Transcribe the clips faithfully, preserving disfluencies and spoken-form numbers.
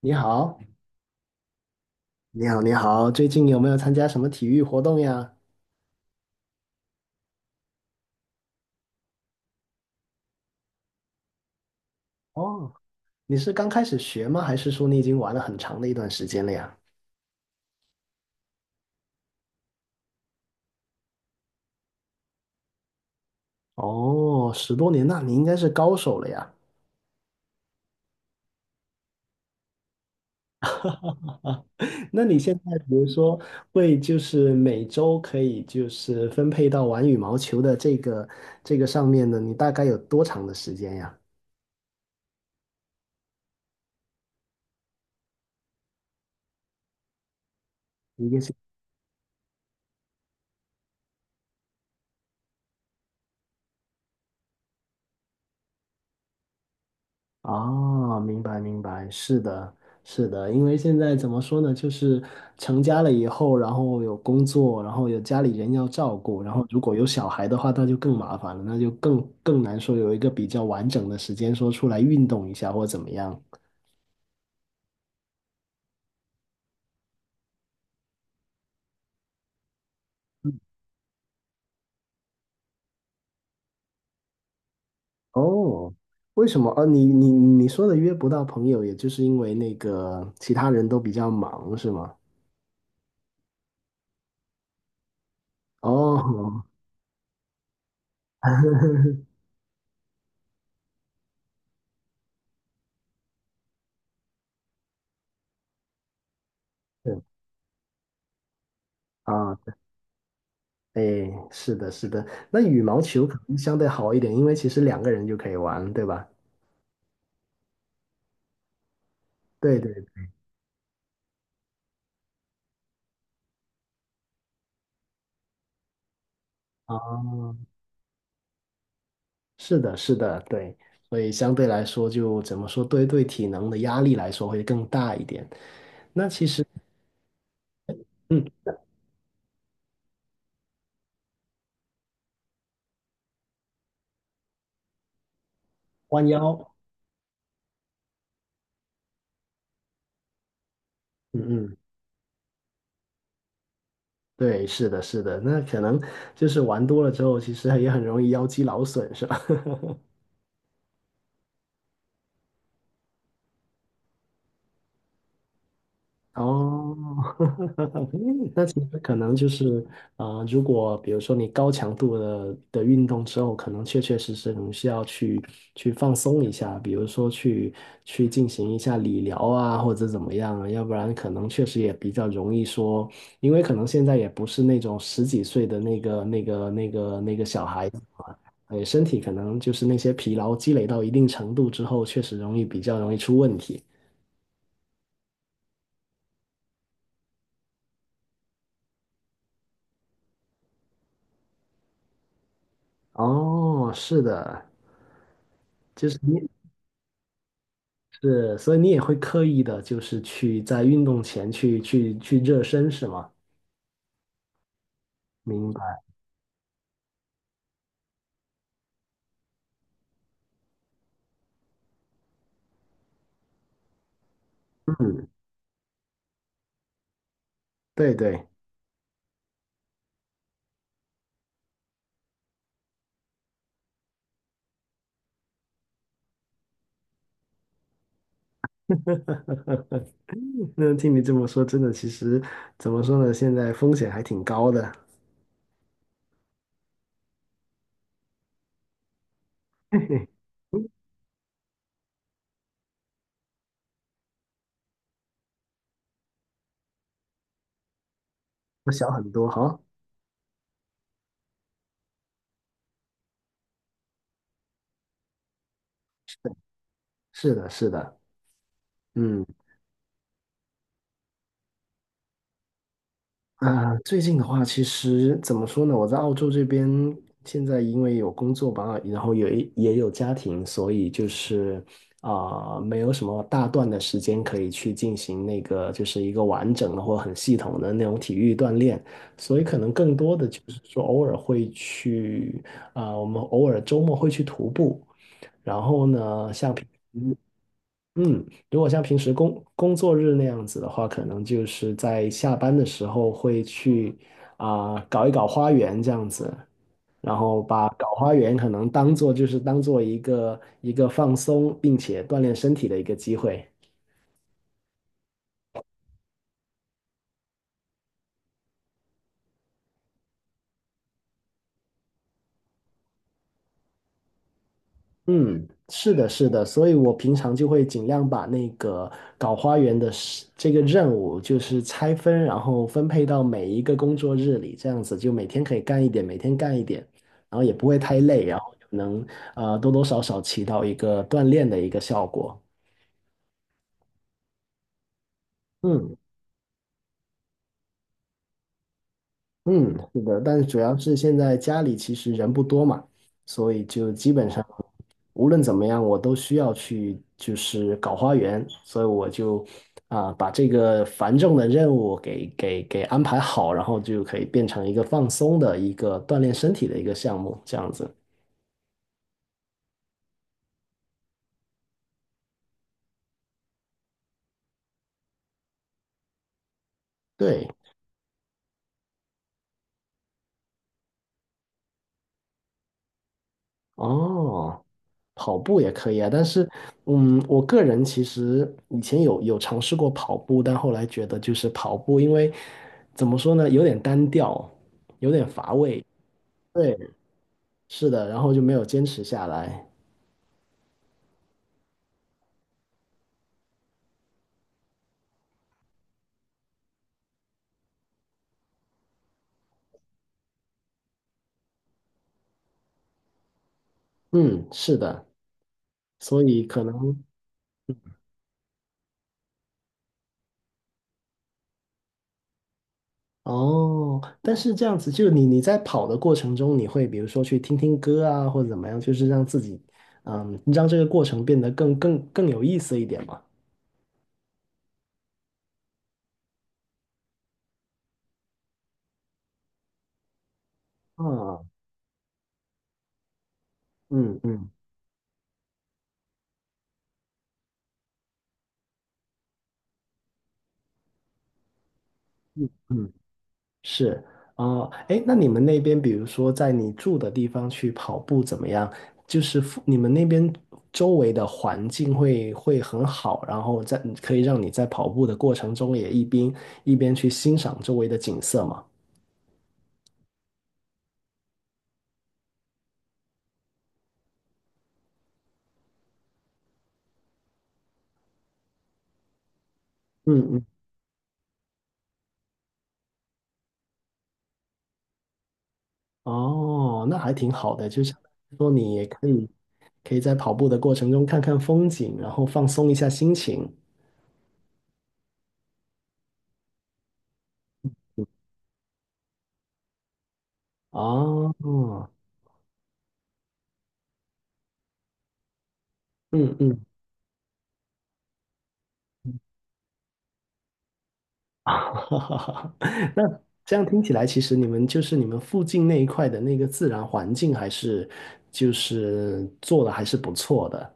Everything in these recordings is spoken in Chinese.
你好，你好，你好，最近有没有参加什么体育活动呀？哦，你是刚开始学吗？还是说你已经玩了很长的一段时间了呀？哦，十多年，那你应该是高手了呀。那你现在比如说会就是每周可以就是分配到玩羽毛球的这个这个上面呢，你大概有多长的时间呀？一是。哦，明白明白，是的，是的，因为现在怎么说呢，就是成家了以后，然后有工作，然后有家里人要照顾，然后如果有小孩的话，那就更麻烦了，那就更更难说有一个比较完整的时间说出来运动一下或怎么样。哦，为什么？哦，你你你说的约不到朋友，也就是因为那个其他人都比较忙，是吗？哦，对，啊，哎，是的，是的，那羽毛球可能相对好一点，因为其实两个人就可以玩，对吧？对对，啊，是的，是的，对，所以相对来说就怎么说，对对体能的压力来说会更大一点。那其实，嗯，弯腰，嗯嗯，对，是的，是的，那可能就是玩多了之后，其实也很容易腰肌劳损，是吧？哦，那其实可能就是，呃，如果比如说你高强度的的运动之后，可能确确实实你需要去去放松一下，比如说去去进行一下理疗啊，或者怎么样啊，要不然可能确实也比较容易说，因为可能现在也不是那种十几岁的那个那个那个那个小孩子嘛，哎，身体可能就是那些疲劳积累到一定程度之后，确实容易比较容易出问题。哦，是的。就是你是，所以你也会刻意的，就是去在运动前去去去热身，是吗？明白，嗯，对对。那听你这么说，真的，其实怎么说呢？现在风险还挺高的，嘿嘿，我小很多哈。是的，是的，嗯。啊，最近的话，其实怎么说呢？我在澳洲这边现在因为有工作吧，然后有一也有家庭，所以就是啊、没有什么大段的时间可以去进行那个就是一个完整的或很系统的那种体育锻炼，所以可能更多的就是说偶尔会去啊、我们偶尔周末会去徒步，然后呢，像平时。嗯，如果像平时工工作日那样子的话，可能就是在下班的时候会去啊、搞一搞花园这样子，然后把搞花园可能当做就是当做一个一个放松并且锻炼身体的一个机会。嗯，是的，是的，所以我平常就会尽量把那个搞花园的事这个任务，就是拆分，然后分配到每一个工作日里，这样子就每天可以干一点，每天干一点，然后也不会太累，然后就能呃多多少少起到一个锻炼的一个效果。嗯嗯，是的，但是主要是现在家里其实人不多嘛，所以就基本上。无论怎么样，我都需要去就是搞花园，所以我就啊把这个繁重的任务给给给安排好，然后就可以变成一个放松的一个锻炼身体的一个项目，这样子。对，哦，跑步也可以啊，但是嗯，我个人其实以前有有尝试过跑步，但后来觉得就是跑步，因为怎么说呢，有点单调，有点乏味。对，是的，然后就没有坚持下来。嗯，是的。所以可能哦，但是这样子，就你你在跑的过程中，你会比如说去听听歌啊，或者怎么样，就是让自己，嗯，让这个过程变得更更更有意思一点嘛。嗯嗯嗯嗯，是哦，哎，那你们那边，比如说在你住的地方去跑步怎么样？就是附你们那边周围的环境会会很好，然后在可以让你在跑步的过程中也一边一边去欣赏周围的景色嘛。嗯哦，那还挺好的，就像说你也可以可以在跑步的过程中看看风景，然后放松一下心情。哦，嗯嗯，那这样听起来，其实你们就是你们附近那一块的那个自然环境，还是就是做的还是不错的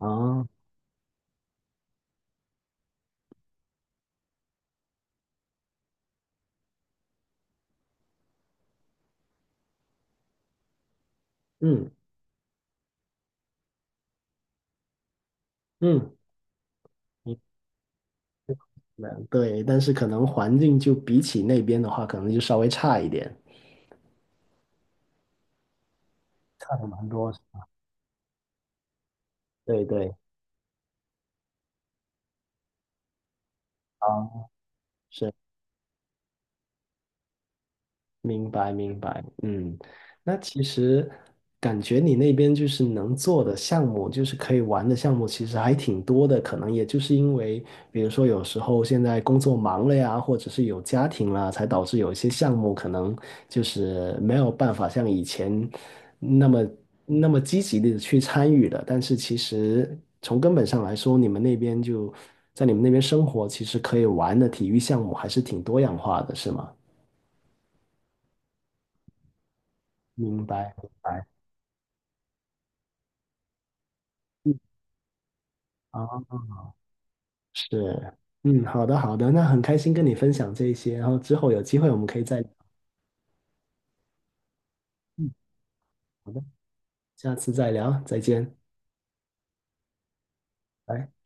啊。嗯嗯，明白对，但是可能环境就比起那边的话，可能就稍微差一点，差的蛮多。对对。啊。明白，明白，嗯，那其实感觉你那边就是能做的项目，就是可以玩的项目，其实还挺多的。可能也就是因为，比如说有时候现在工作忙了呀，或者是有家庭了，才导致有一些项目可能就是没有办法像以前那么那么积极的去参与了。但是其实从根本上来说，你们那边就在你们那边生活，其实可以玩的体育项目还是挺多样化的，是吗？明白，明白。嗯，好，是，嗯，好的，好的，那很开心跟你分享这些，然后之后有机会我们可以再聊嗯，好的，下次再聊，再见，拜。